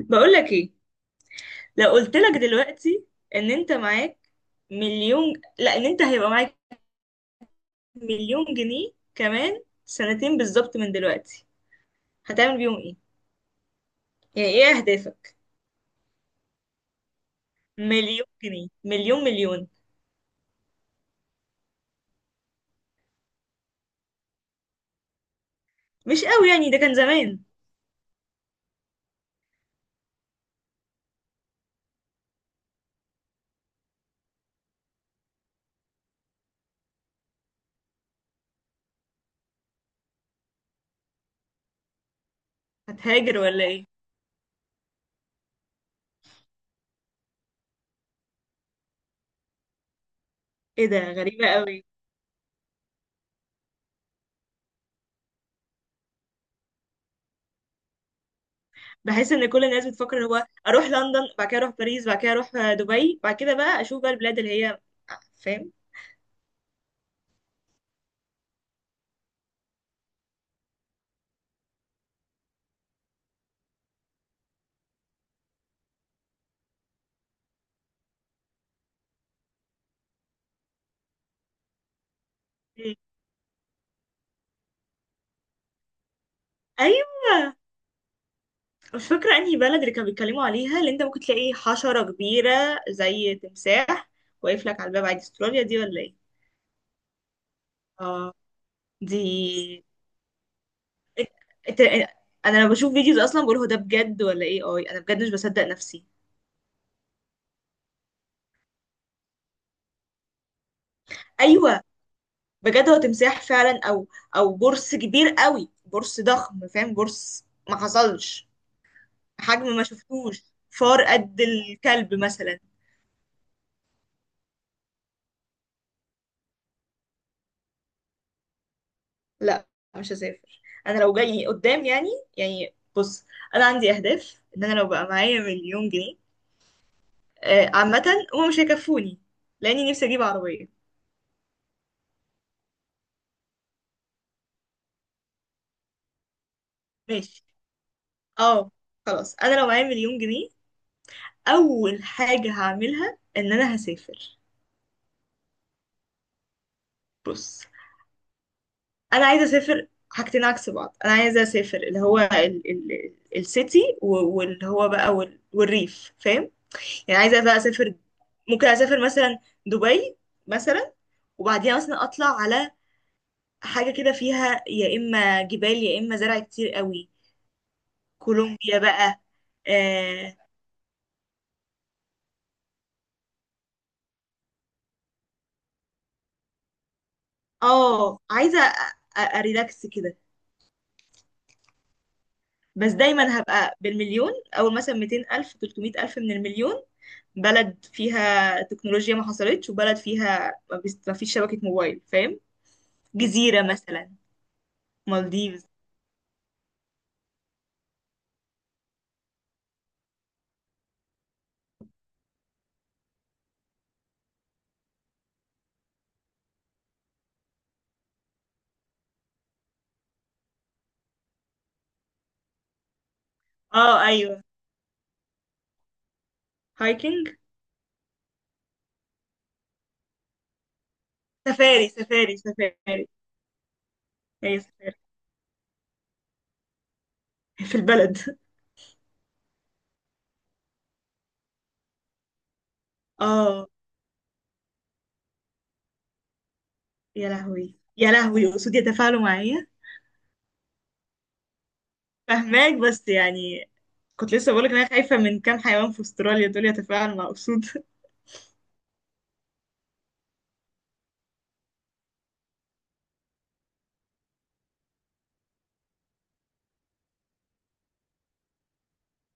بقول لك ايه؟ لو قلت لك دلوقتي ان انت معاك مليون، لا ان انت هيبقى معاك مليون جنيه كمان سنتين بالظبط من دلوقتي، هتعمل بيهم ايه؟ يعني ايه اهدافك؟ مليون جنيه، مليون مليون. مش قوي يعني، ده كان زمان. هتهاجر ولا ايه؟ ايه ده، غريبة قوي. بحس ان كل الناس بتفكر إن هو اروح لندن، بعد كده اروح باريس، بعد كده اروح دبي، بعد كده بقى اشوف بقى البلاد اللي هي، فاهم؟ ايوه. مش فاكرة انهي بلد اللي كانوا بيتكلموا عليها، اللي انت ممكن تلاقي حشرة كبيرة زي تمساح واقف لك على الباب عادي، استراليا دي ولا ايه؟ اه. دي انت... انا لما بشوف فيديوز اصلا بقول هو ده بجد ولا ايه، اي انا بجد مش بصدق نفسي. ايوه، بجد هو تمساح فعلا، او برص كبير قوي، برص ضخم، فاهم؟ برص ما حصلش حجم ما شفتوش، فار قد الكلب مثلا. لا مش هسافر. انا لو جاي قدام يعني بص، انا عندي اهداف ان انا لو بقى معايا مليون جنيه عامه، هما مش هيكفوني لاني نفسي اجيب عربيه. ماشي، اه. خلاص انا لو معايا مليون جنيه، اول حاجه هعملها ان انا هسافر. بص، انا عايزه اسافر حاجتين عكس بعض، انا عايزه اسافر اللي هو ال السيتي واللي هو بقى والريف، فاهم؟ يعني عايزه بقى اسافر. ممكن اسافر مثلا دبي مثلا، وبعدين اصلا اطلع على حاجه كده فيها يا اما جبال يا اما زرع كتير قوي، كولومبيا بقى. اه. عايزه اريلاكس كده. بس دايما هبقى بالمليون، او مثلا 200 الف 300 الف من المليون، بلد فيها تكنولوجيا ما حصلتش، وبلد فيها ما فيش شبكه موبايل، فاهم؟ جزيره مثلا، مالديفز. اه ايوه. هايكنج. سفاري سفاري سفاري. هي سفاري في البلد. اه. يا لهوي يا لهوي، قصود يتفاعلوا معايا؟ فهماك بس يعني، كنت لسه بقولك ان انا خايفه من كام حيوان في استراليا، دول يتفاعلوا مع اسود!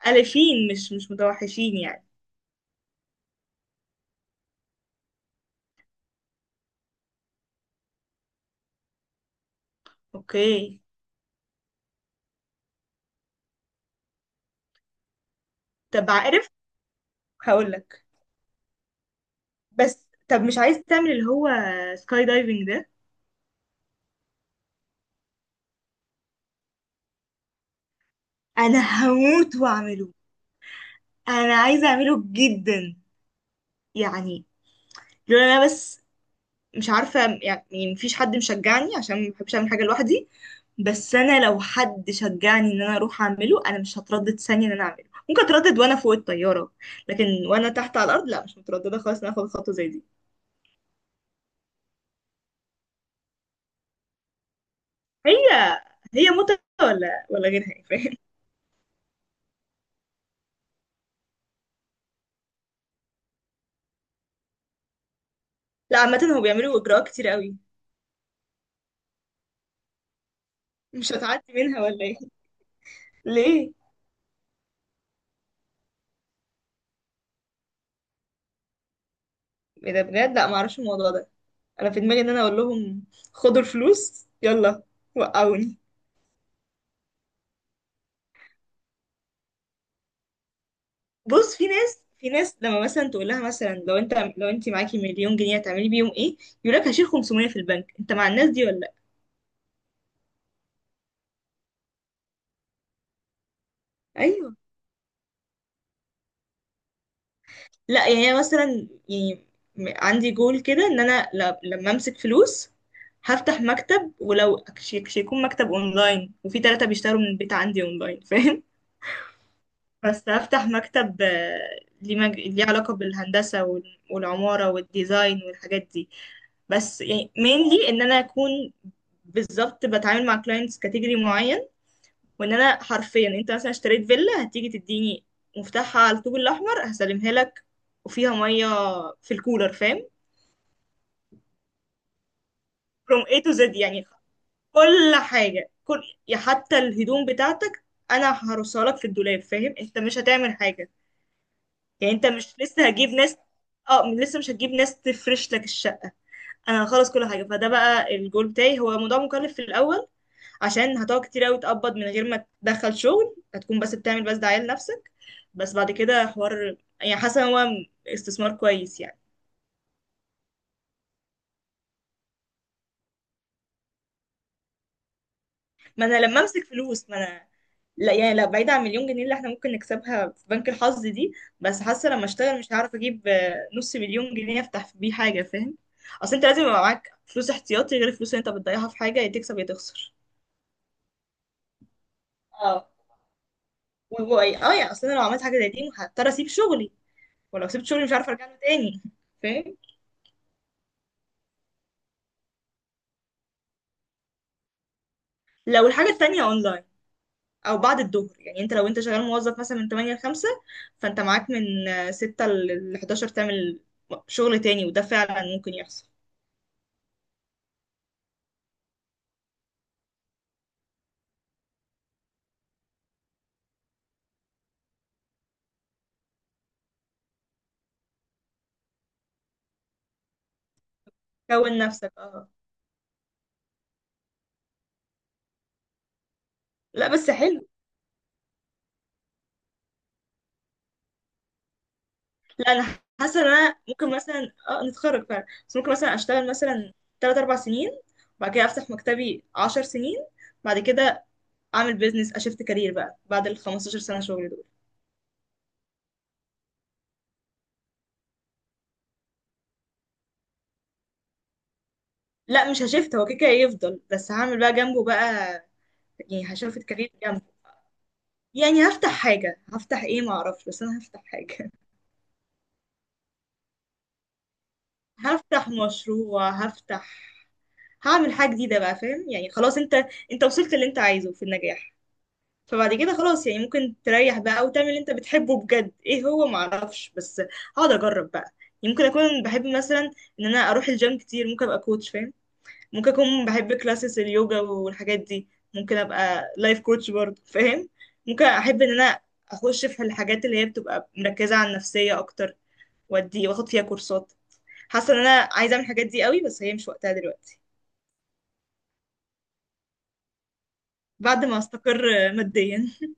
الفين، مش متوحشين يعني. اوكي. طب عارف، هقولك، بس طب مش عايز تعمل اللي هو سكاي دايفنج ده؟ انا هموت واعمله، انا عايزه اعمله جدا يعني، لولا انا بس، مش عارفة، يعني مفيش حد مشجعني عشان ما بحبش اعمل حاجة لوحدي. بس انا لو حد شجعني ان انا اروح اعمله، انا مش هتردد ثانية ان انا اعمله. ممكن اتردد وانا فوق الطيارة، لكن وانا تحت على الارض لا مش مترددة خالص ان أنا اخد خطوة زي دي. هي هي متعة ولا غيرها يعني، فاهم؟ لا عامة هو بيعملوا اجراءات كتير قوي، مش هتعدي منها ولا ايه؟ ليه؟ ايه ده بجد؟ لا معرفش الموضوع ده. انا في دماغي ان انا اقول لهم خدوا الفلوس يلا وقعوني. بص، في ناس لما مثلا تقول لها مثلا، لو انت معاكي مليون جنيه هتعملي بيهم ايه، يقول لك هشيل 500 في البنك، انت مع الناس دي ولا لا؟ ايوه. لا يعني انا مثلا يعني، عندي جول كده ان انا لما امسك فلوس هفتح مكتب، ولو يكون مكتب اونلاين وفي ثلاثة بيشتغلوا من البيت عندي اونلاين، فاهم؟ بس هفتح مكتب. ليه علاقة بالهندسة والعمارة والديزاين والحاجات دي، بس يعني mainly ان انا اكون، بالظبط، بتعامل مع كلاينتس كاتيجوري معين، وان انا حرفيا انت مثلا اشتريت فيلا هتيجي تديني مفتاحها على الطوب الاحمر هسلمها لك وفيها ميه في الكولر، فاهم؟ from A to Z يعني، كل حاجه، كل، يا حتى الهدوم بتاعتك انا هرصها لك في الدولاب، فاهم؟ انت مش هتعمل حاجه، يعني انت مش لسه هجيب ناس. اه لسه مش هتجيب ناس تفرش لك الشقه، انا هخلص كل حاجه. فده بقى الجول بتاعي، هو موضوع مكلف في الاول عشان هتقعد كتير قوي تقبض من غير ما تدخل شغل، هتكون بس بتعمل بس دعاية لنفسك، بس بعد كده حوار، يعني حاسة إن هو استثمار كويس يعني. ما انا لما امسك فلوس ما انا، لا يعني، لا بعيد عن مليون جنيه اللي احنا ممكن نكسبها في بنك الحظ دي، بس حاسة لما اشتغل مش هعرف اجيب نص مليون جنيه افتح بيه حاجة، فاهم؟ اصل انت لازم يبقى معاك فلوس احتياطي غير الفلوس اللي انت بتضيعها في حاجة يا تكسب يا تخسر. اه. ايه، اه يعني، اصل انا لو عملت حاجة زي دي هضطر اسيب شغلي، ولو سبت شغلي مش عارفة ارجع له تاني، فاهم؟ لو الحاجة التانية اونلاين او بعد الظهر، يعني انت لو شغال موظف مثلا من 8 ل 5، فانت معاك من 6 ل 11 تعمل شغل تاني، وده فعلا ممكن يحصل. كون نفسك، اه. لا بس حلو. لا انا حاسه ان انا ممكن مثلا نتخرج فعلا، بس ممكن مثلا اشتغل مثلا 3 4 سنين، وبعد كده افتح مكتبي 10 سنين، بعد كده اعمل بيزنس، اشفت كارير بقى بعد ال 15 سنه شغل دول. لا مش هشفت، هو كده كده يفضل، بس هعمل بقى جنبه بقى، يعني هشفت كارير جنبه. يعني هفتح حاجة، هفتح ايه معرفش، بس انا هفتح حاجة. هفتح مشروع، هفتح، هعمل حاجة جديدة بقى، فاهم؟ يعني خلاص انت وصلت اللي انت عايزه في النجاح، فبعد كده خلاص يعني ممكن تريح بقى وتعمل اللي انت بتحبه بجد. ايه هو؟ معرفش، بس هقعد اجرب بقى. يعني ممكن اكون بحب مثلا ان انا اروح الجيم كتير، ممكن ابقى كوتش، فاهم؟ ممكن اكون بحب كلاسز اليوجا والحاجات دي، ممكن ابقى لايف كوتش برضه، فاهم؟ ممكن احب ان انا اخش في الحاجات اللي هي بتبقى مركزة على النفسية اكتر، وادي واخد فيها كورسات. حاسه ان انا عايزه اعمل الحاجات دي قوي، بس هي مش وقتها دلوقتي. بعد ما استقر ماديا.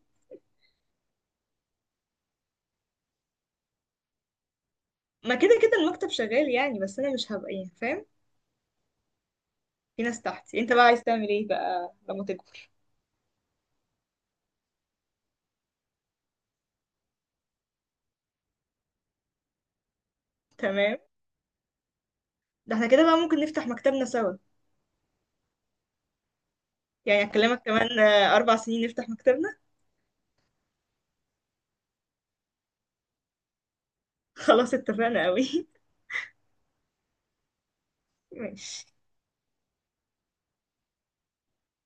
ما كده كده المكتب شغال يعني، بس انا مش هبقى يعني، فاهم؟ في ناس تحتي. انت بقى عايز تعمل ايه بقى لما تكبر؟ تمام. ده احنا كده بقى ممكن نفتح مكتبنا سوا، يعني اكلمك كمان اربع سنين نفتح مكتبنا. خلاص، اتفقنا قوي. ماشي.